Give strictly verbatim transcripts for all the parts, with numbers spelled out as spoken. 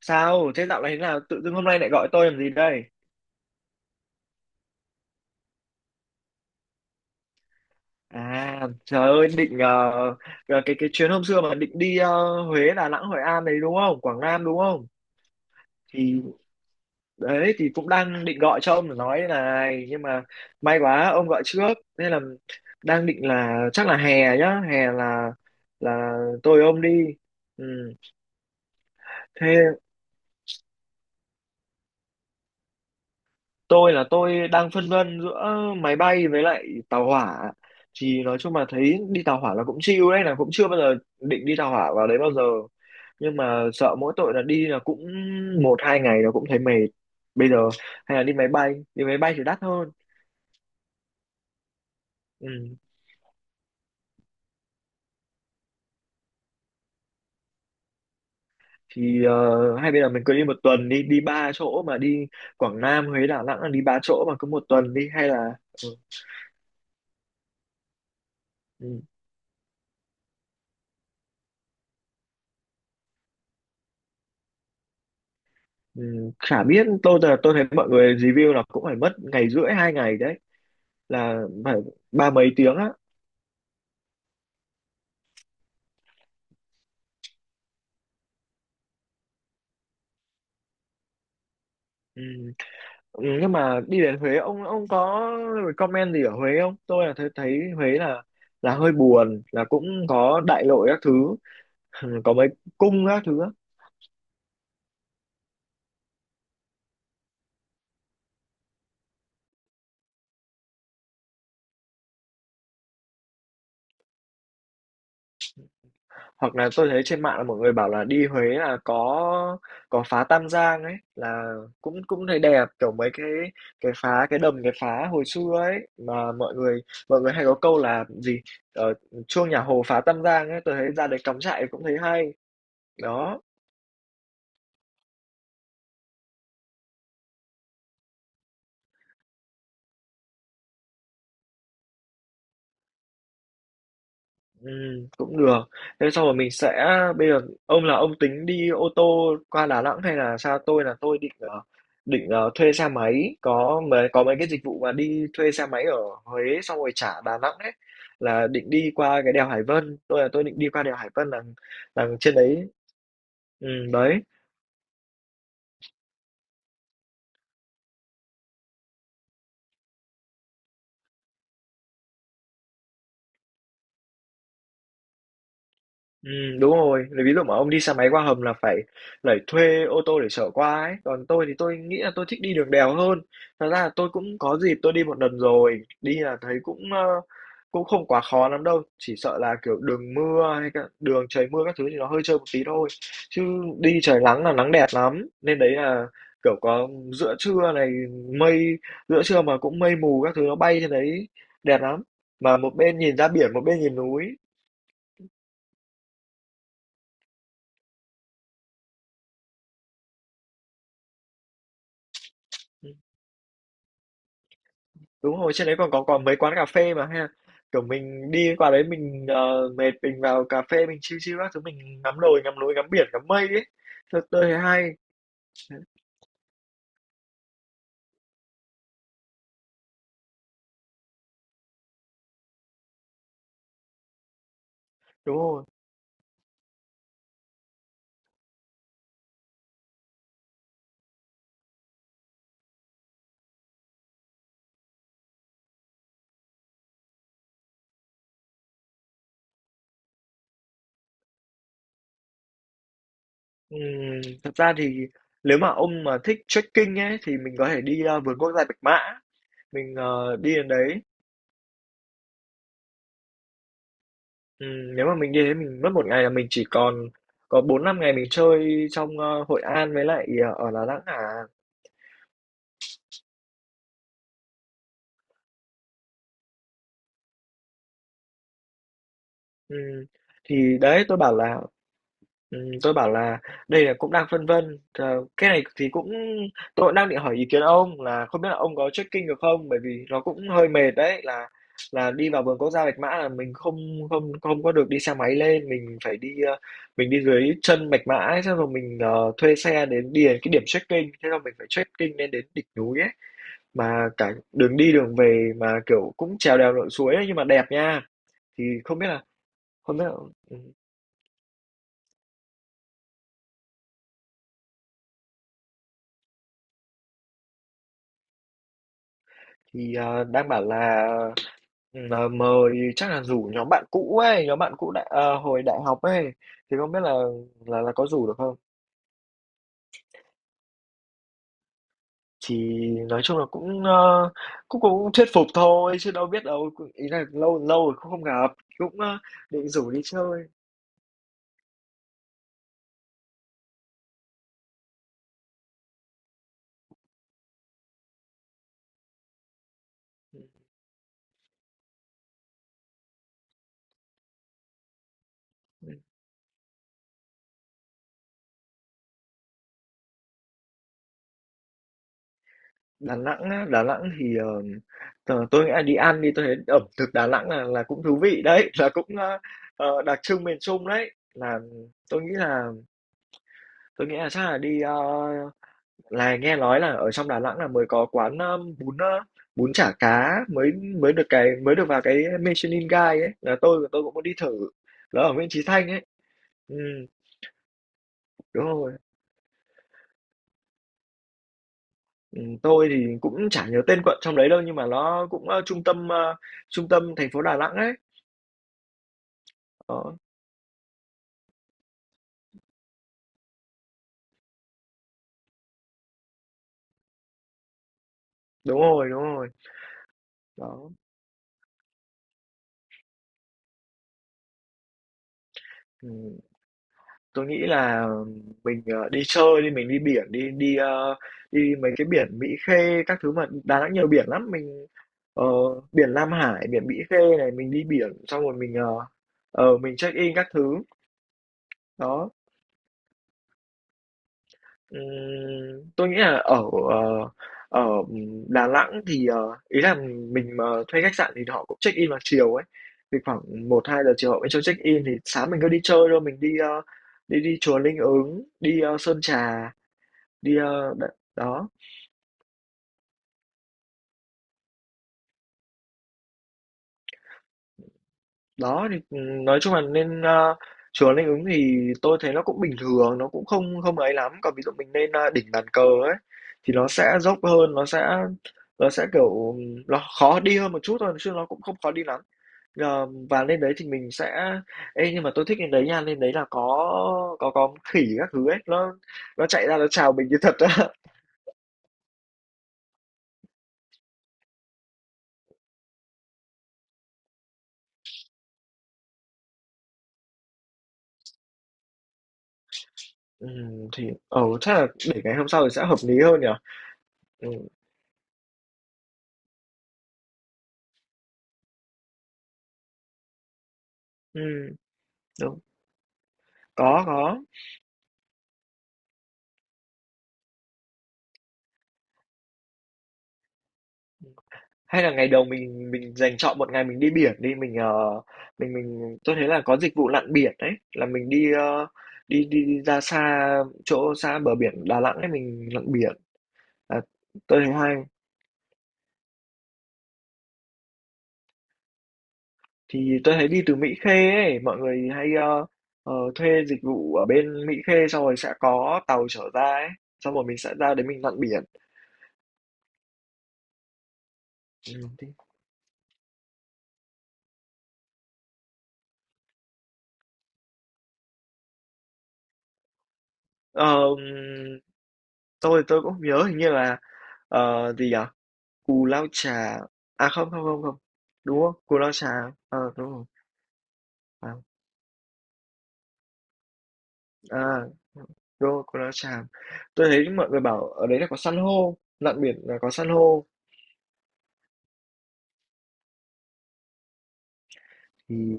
Sao? Thế dạo này thế nào? Tự dưng hôm nay lại gọi tôi làm gì đây? À, trời ơi, định ờ, ờ, cái cái chuyến hôm xưa mà định đi ờ, Huế, Đà Nẵng, Hội An đấy đúng không? Quảng Nam đúng không? Thì đấy thì cũng đang định gọi cho ông để nói này, nhưng mà may quá ông gọi trước. Nên là đang định là chắc là hè nhá, hè là là tôi với ông đi. Ừ. Thế tôi là tôi đang phân vân giữa máy bay với lại tàu hỏa, thì nói chung là thấy đi tàu hỏa là cũng chill đấy, là cũng chưa bao giờ định đi tàu hỏa vào đấy bao giờ, nhưng mà sợ mỗi tội là đi là cũng một hai ngày là cũng thấy mệt. Bây giờ hay là đi máy bay, đi máy bay thì đắt hơn. Ừ. Thì ờ, hay bây giờ mình cứ đi một tuần đi, đi ba chỗ mà đi, Quảng Nam Huế Đà Nẵng là đi ba chỗ mà cứ một tuần đi, hay là ừ. Ừ. Ừ. Chả biết, tôi tôi thấy mọi người review là cũng phải mất ngày rưỡi hai ngày đấy, là phải ba mấy tiếng á. Ừ. Ừ, nhưng mà đi đến Huế, ông ông có comment gì ở Huế không? Tôi là thấy thấy Huế là là hơi buồn, là cũng có đại lộ các thứ. Ừ, có mấy cung các thứ á. Hoặc là tôi thấy trên mạng là mọi người bảo là đi Huế là có có phá Tam Giang ấy, là cũng cũng thấy đẹp, kiểu mấy cái cái phá cái đầm cái phá hồi xưa ấy, mà mọi người mọi người hay có câu là gì, ở chuông nhà Hồ phá Tam Giang ấy, tôi thấy ra đấy cắm trại cũng thấy hay. Đó, ừm, cũng được. Thế sau rồi mình sẽ bây giờ ông là ông tính đi ô tô qua Đà Nẵng hay là sao? Tôi là tôi định ờ, định ờ, thuê xe máy, có mấy có mấy cái dịch vụ mà đi thuê xe máy ở Huế xong rồi trả Đà Nẵng ấy, là định đi qua cái đèo Hải Vân. Tôi là tôi định đi qua đèo Hải Vân là là trên đấy. Ừ, đấy. Ừ, đúng rồi. Lấy ví dụ mà ông đi xe máy qua hầm là phải phải thuê ô tô để chở qua ấy. Còn tôi thì tôi nghĩ là tôi thích đi đường đèo hơn. Thật ra là tôi cũng có dịp tôi đi một lần rồi. Đi là thấy cũng ờ, cũng không quá khó lắm đâu. Chỉ sợ là kiểu đường mưa hay cả đường trời mưa các thứ thì nó hơi trơn một tí thôi. Chứ đi trời nắng là nắng đẹp lắm. Nên đấy là kiểu có giữa trưa này, mây giữa trưa mà cũng mây mù các thứ nó bay trên đấy đẹp lắm. Mà một bên nhìn ra biển, một bên nhìn núi. Ừ. Đúng rồi, trên đấy còn có còn mấy quán cà phê mà ha, kiểu mình đi qua đấy mình ờ, mệt mình vào cà phê mình chill chill các thứ, mình ngắm đồi ngắm núi ngắm biển ngắm mây ấy, thật tôi thấy hay. Đúng rồi. Ừm, thật ra thì nếu mà ông mà thích trekking ấy thì mình có thể đi ờ, vườn quốc gia Bạch Mã, mình ờ, đi đến đấy. Ừm, nếu mà mình đi đến mình mất một ngày là mình chỉ còn có bốn năm ngày mình chơi trong ờ, Hội An với lại ờ, ở Đà Nẵng à. Ừm, thì đấy tôi bảo là, ừm, tôi bảo là đây là cũng đang phân vân, ờ, cái này thì cũng tôi cũng đang định hỏi ý kiến ông, là không biết là ông có trekking được không? Bởi vì nó cũng hơi mệt đấy, là là đi vào vườn quốc gia Bạch Mã là mình không không không có được đi xe máy lên, mình phải đi ờ, mình đi dưới chân Bạch Mã ấy, xong rồi mình ờ, thuê xe đến đi đến cái điểm trekking, thế là mình phải trekking lên đến đỉnh núi ấy, mà cả đường đi đường về mà kiểu cũng trèo đèo lội suối ấy, nhưng mà đẹp nha. Thì không biết là không biết là ừ, thì ờ, đang bảo là Là mời chắc là rủ nhóm bạn cũ ấy, nhóm bạn cũ đại ờ, hồi đại học ấy, thì không biết là là là có rủ được không? Thì nói chung là cũng ờ, cũng cũng thuyết phục thôi chứ đâu biết đâu, ý là lâu lâu rồi cũng không gặp, cũng ờ, định rủ đi chơi. Đà Nẵng á, Đà Nẵng thì ờ, tờ- tôi nghĩ là đi ăn đi, tôi thấy ẩm thực Đà Nẵng là là cũng thú vị đấy, là cũng ờ, ờ, đặc trưng miền Trung đấy. Là tôi nghĩ là tôi nghĩ là chắc là đi ờ, là nghe nói là ở trong Đà Nẵng là mới có quán um, bún uh, bún chả cá mới mới được cái mới được vào cái mi sơ lanh gai ấy, là tôi tôi cũng muốn đi thử. Nó ở Nguyễn Chí Thanh ấy. Ừ, đúng rồi. Ừ, tôi thì cũng chả nhớ tên quận trong đấy đâu, nhưng mà nó cũng ờ, trung tâm ờ, trung tâm thành phố Đà Nẵng ấy. Đó. Đúng rồi đúng rồi. Đó. Ừ. Tôi nghĩ là mình, ờ, đi chơi đi, mình đi biển đi, đi, ơ, đi mấy cái biển Mỹ Khê các thứ, mà Đà Nẵng nhiều biển lắm, mình, ờ, biển Lam Hải, biển Mỹ Khê này, mình đi biển xong rồi mình, ờ, ờ, mình check-in các thứ. Đó, ừm, tôi nghĩ là ở, ờ, ở Đà Nẵng thì, ờ, ý là mình mà thuê khách sạn thì họ cũng check-in vào chiều ấy, thì khoảng một hai giờ chiều họ mới cho check-in thì sáng mình cứ đi chơi thôi, mình đi, ơ, đi đi chùa Linh Ứng, đi, ơ, Sơn Trà. Đi, ơ, đ đó. Đó thì, ừm, nói chung là nên, a, chùa Linh Ứng thì tôi thấy nó cũng bình thường, nó cũng không không ấy lắm. Còn ví dụ mình lên, a, đỉnh bàn cờ ấy, thì nó sẽ dốc hơn, nó sẽ nó sẽ, kiểu, ừm, nó khó đi hơn một chút thôi, chứ nó cũng không khó đi lắm. Ờ, và lên đấy thì mình sẽ ê, nhưng mà tôi thích lên đấy nha, lên đấy là có có có khỉ các thứ ấy, nó nó chạy ra nó chào mình như thật á. Ừm, thì ừ, chắc là để ngày hôm sau thì sẽ hợp lý hơn nhỉ? Ừm, ừm, đúng, có, có. Hay là ngày đầu mình mình dành chọn một ngày mình đi biển đi, mình, ờ, mình mình tôi thấy là có dịch vụ lặn biển đấy, là mình đi, ơ, đi đi đi ra xa chỗ xa bờ biển Đà Nẵng ấy, mình lặn biển. À, tôi thấy hay. Thì tôi thấy đi từ Mỹ Khê ấy, mọi người hay, ơ, ờ, thuê dịch vụ ở bên Mỹ Khê xong rồi sẽ có tàu chở ra ấy, xong rồi mình sẽ ra đấy mình lặn biển. Ừm, thì, tôi tôi cũng không nhớ, hình như là, ờ, gì nhỉ? Cù Lao Chà, à không, không, không, không, đúng không? Cù Lao Chà, ờ, đúng rồi, à, à, đúng rồi, Cù Lao Chàm. Tôi thấy mọi người bảo ở đấy là có san hô, lặn biển là có san hô. Thì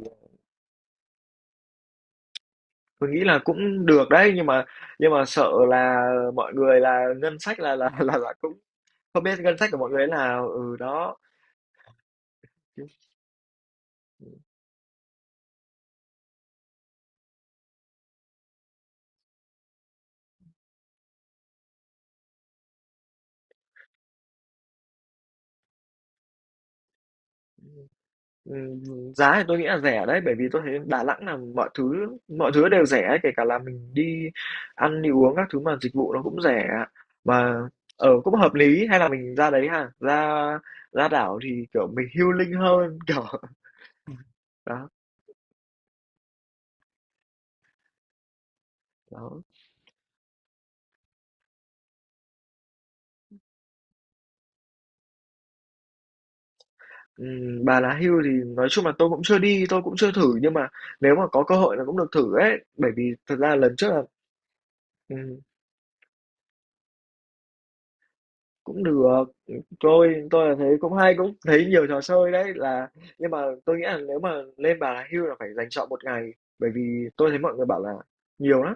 tôi nghĩ là cũng được đấy, nhưng mà nhưng mà sợ là mọi người là ngân sách là là là, là cũng không biết ngân sách của mọi người là ừ đó. Ừm, giá thì tôi nghĩ là rẻ đấy, bởi vì tôi thấy Đà Nẵng là mọi thứ mọi thứ đều rẻ ấy, kể cả là mình đi ăn đi uống các thứ mà dịch vụ nó cũng rẻ, mà ở cũng hợp lý. Hay là mình ra đấy ha, ra ra đảo thì kiểu mình healing hơn kiểu đó. Đó. Ừm, Bà Lá Hưu thì nói chung là tôi cũng chưa đi, tôi cũng chưa thử, nhưng mà nếu mà có cơ hội là cũng được thử ấy, bởi vì thật ra lần trước là ừ, cũng được. Tôi tôi là thấy cũng hay, cũng thấy nhiều trò chơi đấy, là nhưng mà tôi nghĩ là nếu mà lên Bà Nà Hills là phải dành chọn một ngày, bởi vì tôi thấy mọi người bảo là nhiều lắm.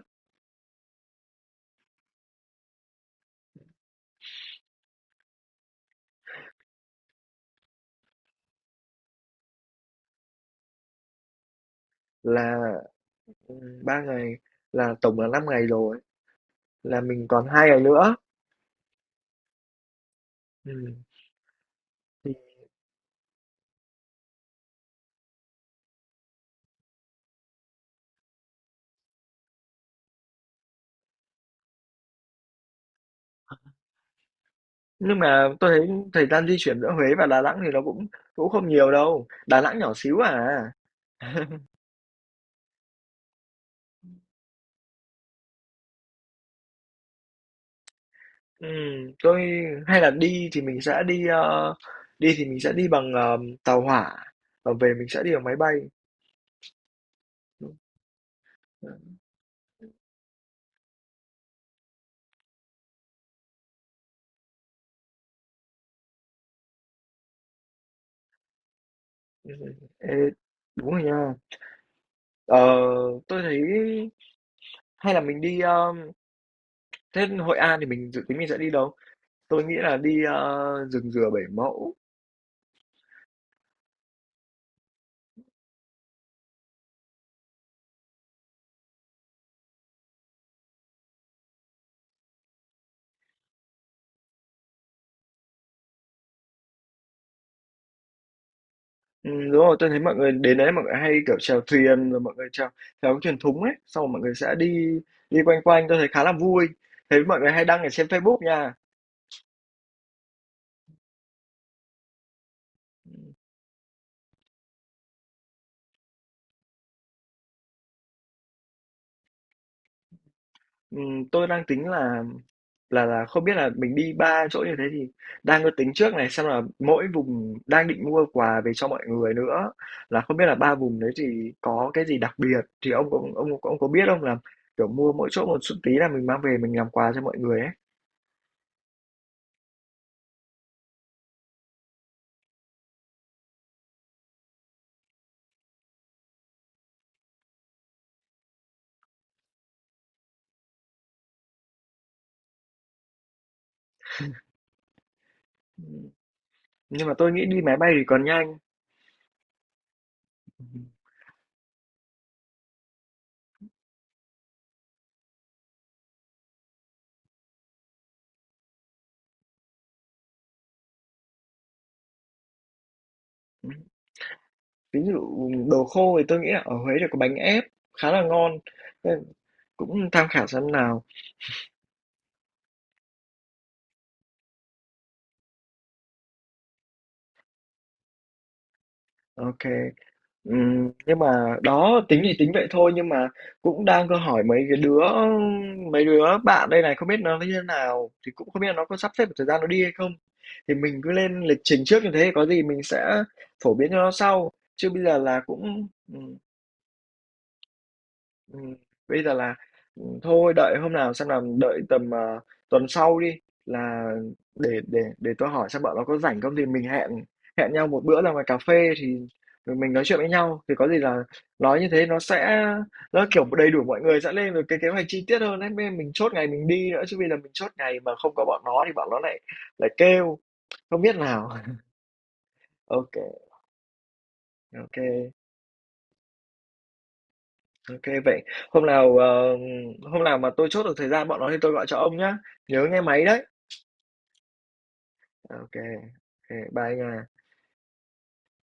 Là ừ, ba ngày, là tổng là năm ngày rồi, là mình còn hai ngày nữa. Ừ. thì- nhưng mà tôi thấy thời gian di chuyển giữa Huế và Đà Nẵng thì nó cũng cũng không nhiều đâu, Đà Nẵng nhỏ xíu à. Ừm, tôi hay là đi thì mình sẽ đi, ờ, đi thì mình sẽ đi bằng, ờ, tàu hỏa, và về mình sẽ đi bằng máy bay. Ừ. Ê, đúng rồi nha. Ờ, tôi thấy hay là mình đi, ờ, thế Hội An thì mình dự tính mình sẽ đi đâu? Tôi nghĩ là đi, ờ, rừng Dừa Bảy Mẫu. Ừm, đúng rồi, tôi thấy mọi người đến đấy mọi người hay kiểu chèo thuyền, rồi mọi người chèo chèo cái thuyền thúng ấy, xong rồi mọi người sẽ đi đi quanh quanh, tôi thấy khá là vui. Thấy mọi người hay đăng ở trên phây bút nha. Ừm, tôi đang tính là Là là không biết là mình đi ba chỗ như thế thì đang có tính trước này, xem là mỗi vùng đang định mua quà về cho mọi người nữa, là không biết là ba vùng đấy thì có cái gì đặc biệt, thì ông có ông ông có biết không là, kiểu, mua mỗi chỗ một chút tí là mình mang về mình làm quà cho mọi người ấy? Ừm, nhưng mà tôi nghĩ đi máy bay thì còn nhanh. Ừm, ví dụ đồ khô thì tôi nghĩ là ở Huế thì có bánh ép khá là ngon, nên cũng tham khảo xem nào. OK. Ừm, nhưng mà đó tính thì tính vậy thôi, nhưng mà cũng đang có hỏi mấy cái đứa mấy đứa bạn đây này, không biết nó như thế nào thì cũng không biết là nó có sắp xếp được thời gian nó đi hay không, thì mình cứ lên lịch trình trước như thế, có gì mình sẽ phổ biến cho nó sau chứ bây giờ là cũng ừm, bây giờ là, ừm, thôi đợi hôm nào xem nào, đợi tầm, ờ, tuần sau đi, là để để để tôi hỏi xem bọn nó có rảnh không, thì mình hẹn hẹn nhau một bữa ra ngoài cà phê, thì rồi mình nói chuyện với nhau, thì có gì là nói như thế nó sẽ nó kiểu đầy đủ, mọi người sẽ lên được cái kế hoạch chi tiết hơn ấy, nên mình chốt ngày mình đi nữa chứ, vì là mình chốt ngày mà không có bọn nó thì bọn nó lại lại kêu không biết nào. OK. OK, OK, vậy hôm nào, ờ, hôm nào mà tôi chốt được thời gian bọn nó thì tôi gọi cho ông nhá, nhớ nghe máy đấy. OK, OK, bye nha.